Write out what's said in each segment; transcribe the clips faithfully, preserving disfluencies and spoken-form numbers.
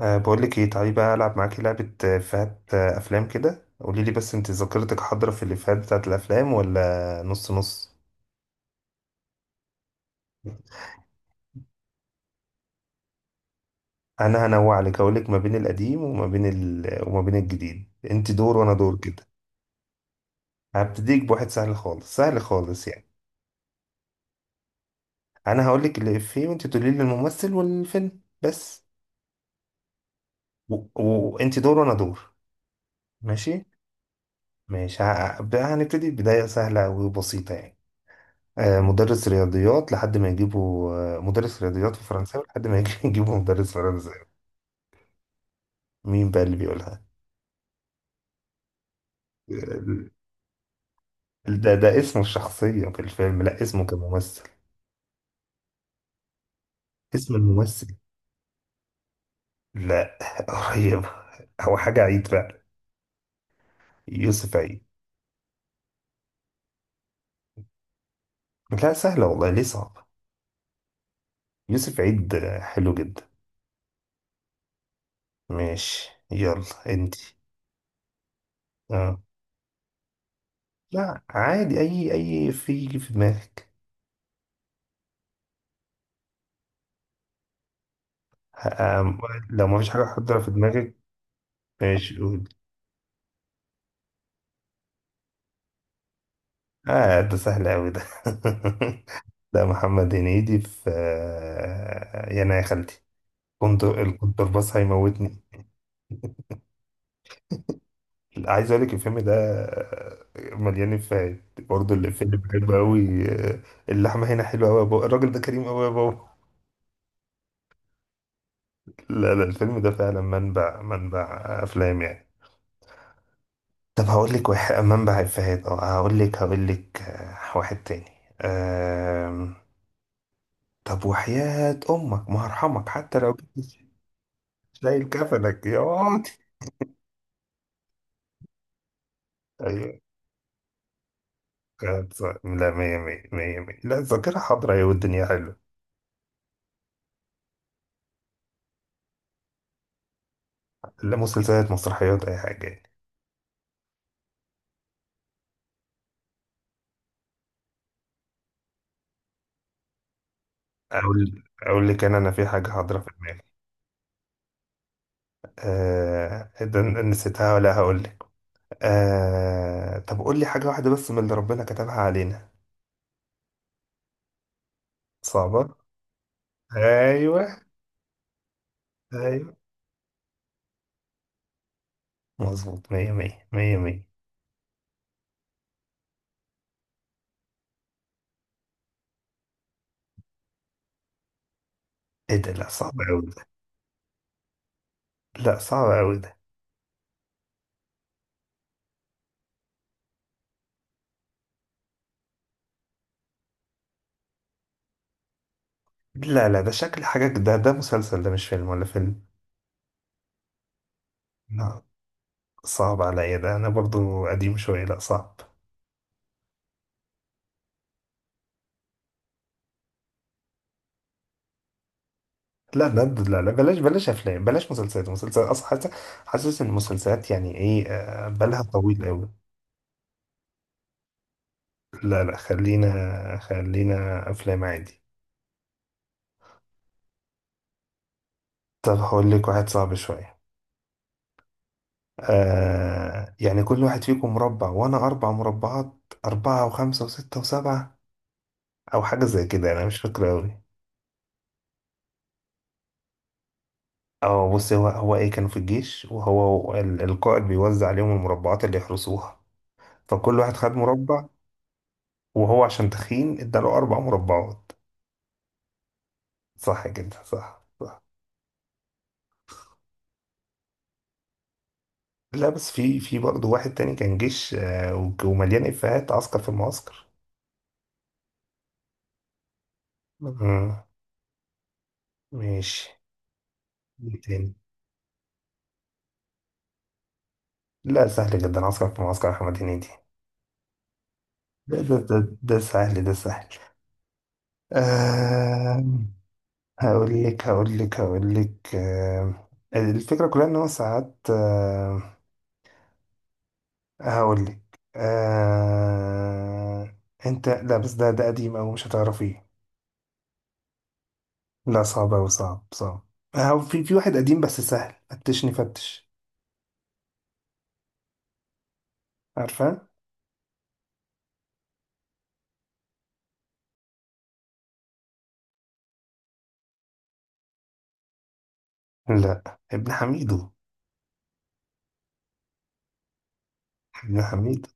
أه بقول لك ايه، تعالي بقى العب معاكي لعبه، آه، افيهات، آه، افلام كده. قولي لي، بس انت ذاكرتك حاضره في الافيهات بتاعت الافلام ولا نص نص؟ انا هنوع لك، هقول لك ما بين القديم وما بين ال... وما بين الجديد، انت دور وانا دور كده. هبتديك بواحد سهل خالص سهل خالص يعني. انا هقول لك الافيه وانت تقولي لي الممثل والفيلم بس. وانت و... و- وأنت دور وانا دور. ماشي ماشي. ه- هبدأ- هنبتدي بدايه سهله وبسيطه يعني. آه، مدرس رياضيات لحد ما يجيبوا، آه، مدرس رياضيات وفرنساوي لحد ما يجي- يجيبوا مدرس فرنساوي. مين بقى اللي بيقولها؟ آه، ده ده اسمه الشخصية في الفيلم، لا اسمه كممثل. اسم الممثل. لا قريب. هو حاجة عيد فعلا. يوسف عيد. لا سهلة والله، ليه صعبة؟ يوسف عيد، آه، حلو جدا. ماشي يلا انتي. اه. لا عادي، اي اي في في دماغك. آه، لو ما فيش حاجة حاضرة في دماغك، ماشي قول. اه ده سهل أوي ده ده محمد هنيدي في، آه، يانا يا خالتي، كنت الكونترباس هيموتني. عايز اقول لك الفيلم ده، آه، مليان افيهات برضه. الافيه اللي بحبه قوي، آه، اللحمه هنا حلوه قوي يا بابا، الراجل ده كريم قوي يا بابا. لا لا، الفيلم ده فعلا منبع، منبع افلام يعني. طب هقول لك واحد منبع افيهات. اه هقول لك، هقول لك آه، واحد تاني. آم، طب وحياة امك ما هرحمك حتى لو جيت. شايل كفنك يا واد. ايوه. كانت ص- لا مية مية مية مية، لا الذاكرة حاضرة، أيوة والدنيا حلوة. لا مسلسلات، مسرحيات، أي حاجة يعني. أقول أقول لك، أنا أنا في حاجة حاضرة في دماغي. آه ده نسيتها، ولا هقول لك. آه طب قول لي حاجة واحدة بس من اللي ربنا كتبها علينا صعبة. أيوة. أيوة مظبوط، مية مية مية مية. إيه ده، لا صعب أوي ده. لا صعب أوي ده. لا لا، ده شكل حاجة. ده ده مسلسل ده، مش فيلم ولا فيلم. لا صعب عليا ده، انا برضو قديم شويه، لا صعب. لا لا لا لا، بلاش بلاش افلام، بلاش مسلسلات. مسلسلات اصلا حاسس، حاسس ان المسلسلات يعني ايه، آه، بالها طويل قوي. لا لا خلينا خلينا، افلام عادي. طب هقول لك واحد صعب شويه. آه يعني كل واحد فيكم مربع وانا اربع مربعات، اربعه وخمسه وسته وسبعه، او حاجه زي كده، انا مش فاكره قوي. اه بص، هو هو ايه، كانوا في الجيش وهو ال- القائد بيوزع عليهم المربعات اللي يحرسوها. فكل واحد خد مربع، وهو عشان تخين اداله أربع مربعات. صح كده، صح صح. لا بس في في برضه واحد تاني كان جيش، آه، وك- ومليان إفيهات، عسكر في المعسكر. مم. ماشي. إيه تاني؟ لا سهل جدا، عسكر في المعسكر، أحمد هنيدي. ده ده ده, ده سهل، ده سهل. آه. هقول لك هقول لك هقول لك آه الفكرة كلها إن هو ساعات آه هقول لك. آه أنت، لا بس ده ده قديم أوي، مش هتعرفيه. لا صعب أوي، صعب صعب. أهو في في واحد قديم بس سهل، فتشني فتش. عارفة؟ لا، ابن حميدو. ابن حميدو.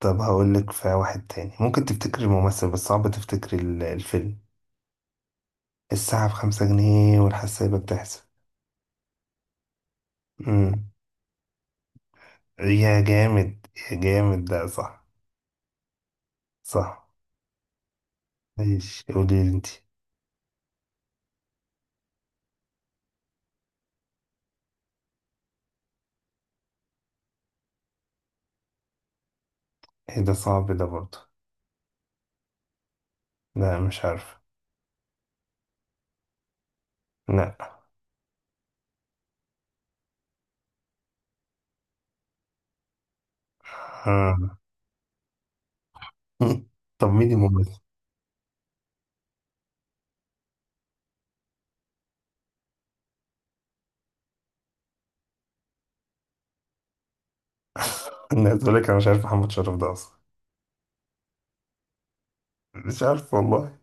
طب هقول لك في واحد تاني، ممكن تفتكري الممثل بس صعب تفتكري ال- الفيلم. الساعة بخمسة جنيه، والحسابة بتحسب. امم. يا جامد، يا جامد ده صح. صح. ماشي، قولي لي انتي. ايه ده صعب ده برضه. لا مش عارف. لا. آه. طب مين الممثل؟ الناس. بقول لك انا مش عارف محمد شرف ده اصلا. مش عارف والله.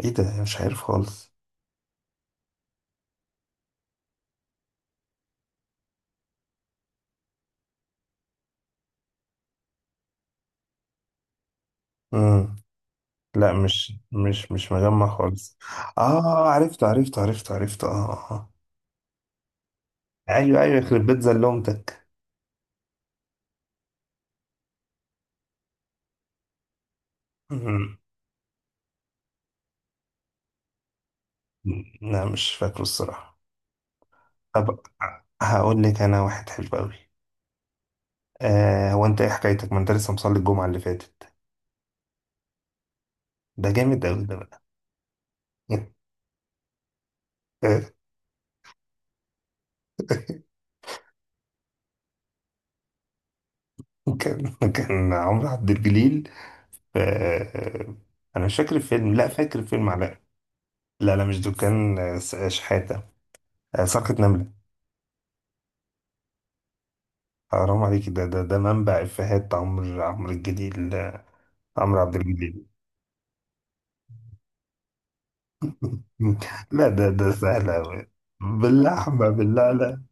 ايه ده مش عارف خالص. امم لا مش مش مش مجمع خالص. اه عرفت عرفت عرفت عرفت، اه آه، آه. ايوه ايوه، يخرب بيت زلمتك. أمم. لا مش فاكره الصراحة. طب هقول لك انا واحد حلو قوي. آه هو انت ايه حكايتك، ما انت لسه مصلي الجمعة اللي فاتت؟ ده جامد قوي ده بقى. كان كان عمرو عبد الجليل آه. انا مش فاكر الفيلم، لا فاكر الفيلم. لا لا مش دكان، آه، س- آه، شحاتة، آه، صرخة نملة. حرام عليك، ده ده ده منبع إفيهات، عمرو عمرو الجليل، آه، عمرو عبد الجليل. لا ده ده سهل أوي، باللحمة باللعلة.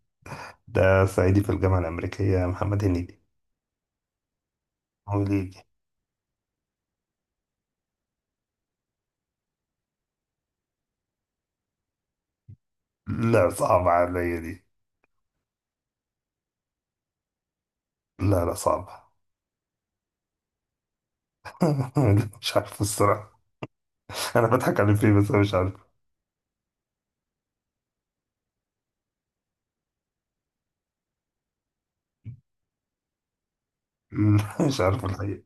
ده صعيدي في الجامعة الأمريكية، محمد هنيدي. وليدي. لا صعبة عليا دي. لا لا صعبة. مش عارف الصراحة. أنا بضحك على فيه بس أنا مش عارف مش عارف الحقيقة.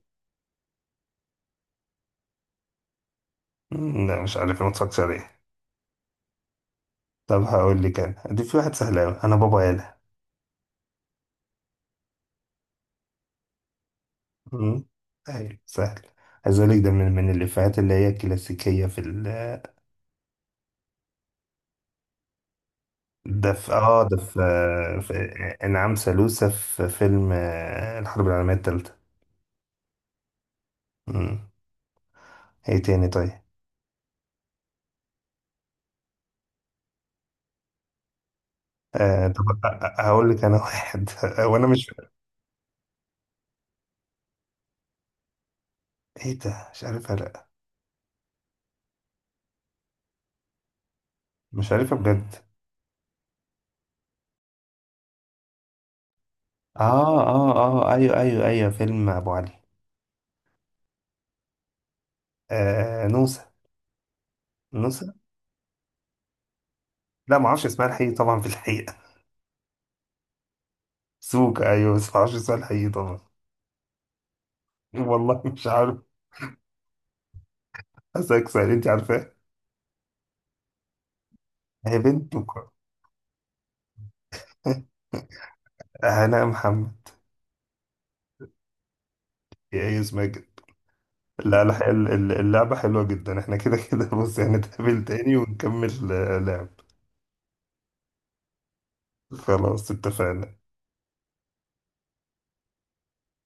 لا مش عارف، ما اتفرجتش عليه. طب هقول لك أنا دي في واحد سهل أوي، أنا بابا. مم. ايوه سهل. عايز اقول لك ده من من الافيهات اللي هي كلاسيكيه في ال... ده في اه ده في, في انعام سالوسة في فيلم، آه، الحرب العالميه الثالثه. مم. ايه تاني طيب. آه طب أ- أ- هقول لك انا واحد وانا مش. ايه ده مش عارفها لا. مش عارفها بجد. اه اه، اه ايوه ايوه ايوه، فيلم ابو علي. آه نوسة. نوسة. لا ما اعرفش اسمها الحقيقي طبعا في الحقيقه. سوكا ايوه، بس ما اعرفش اسمها الحقيقي طبعا. والله مش عارف. حاسسك سهل، انت عارفه. هي بنت مك- هناء محمد. يا ايه اسمها كده. لا لا ال- ال- اللعبة حلوة جدا، احنا كده كده بص هنتقابل تاني ونكمل، آه، لعب. خلاص اتفقنا.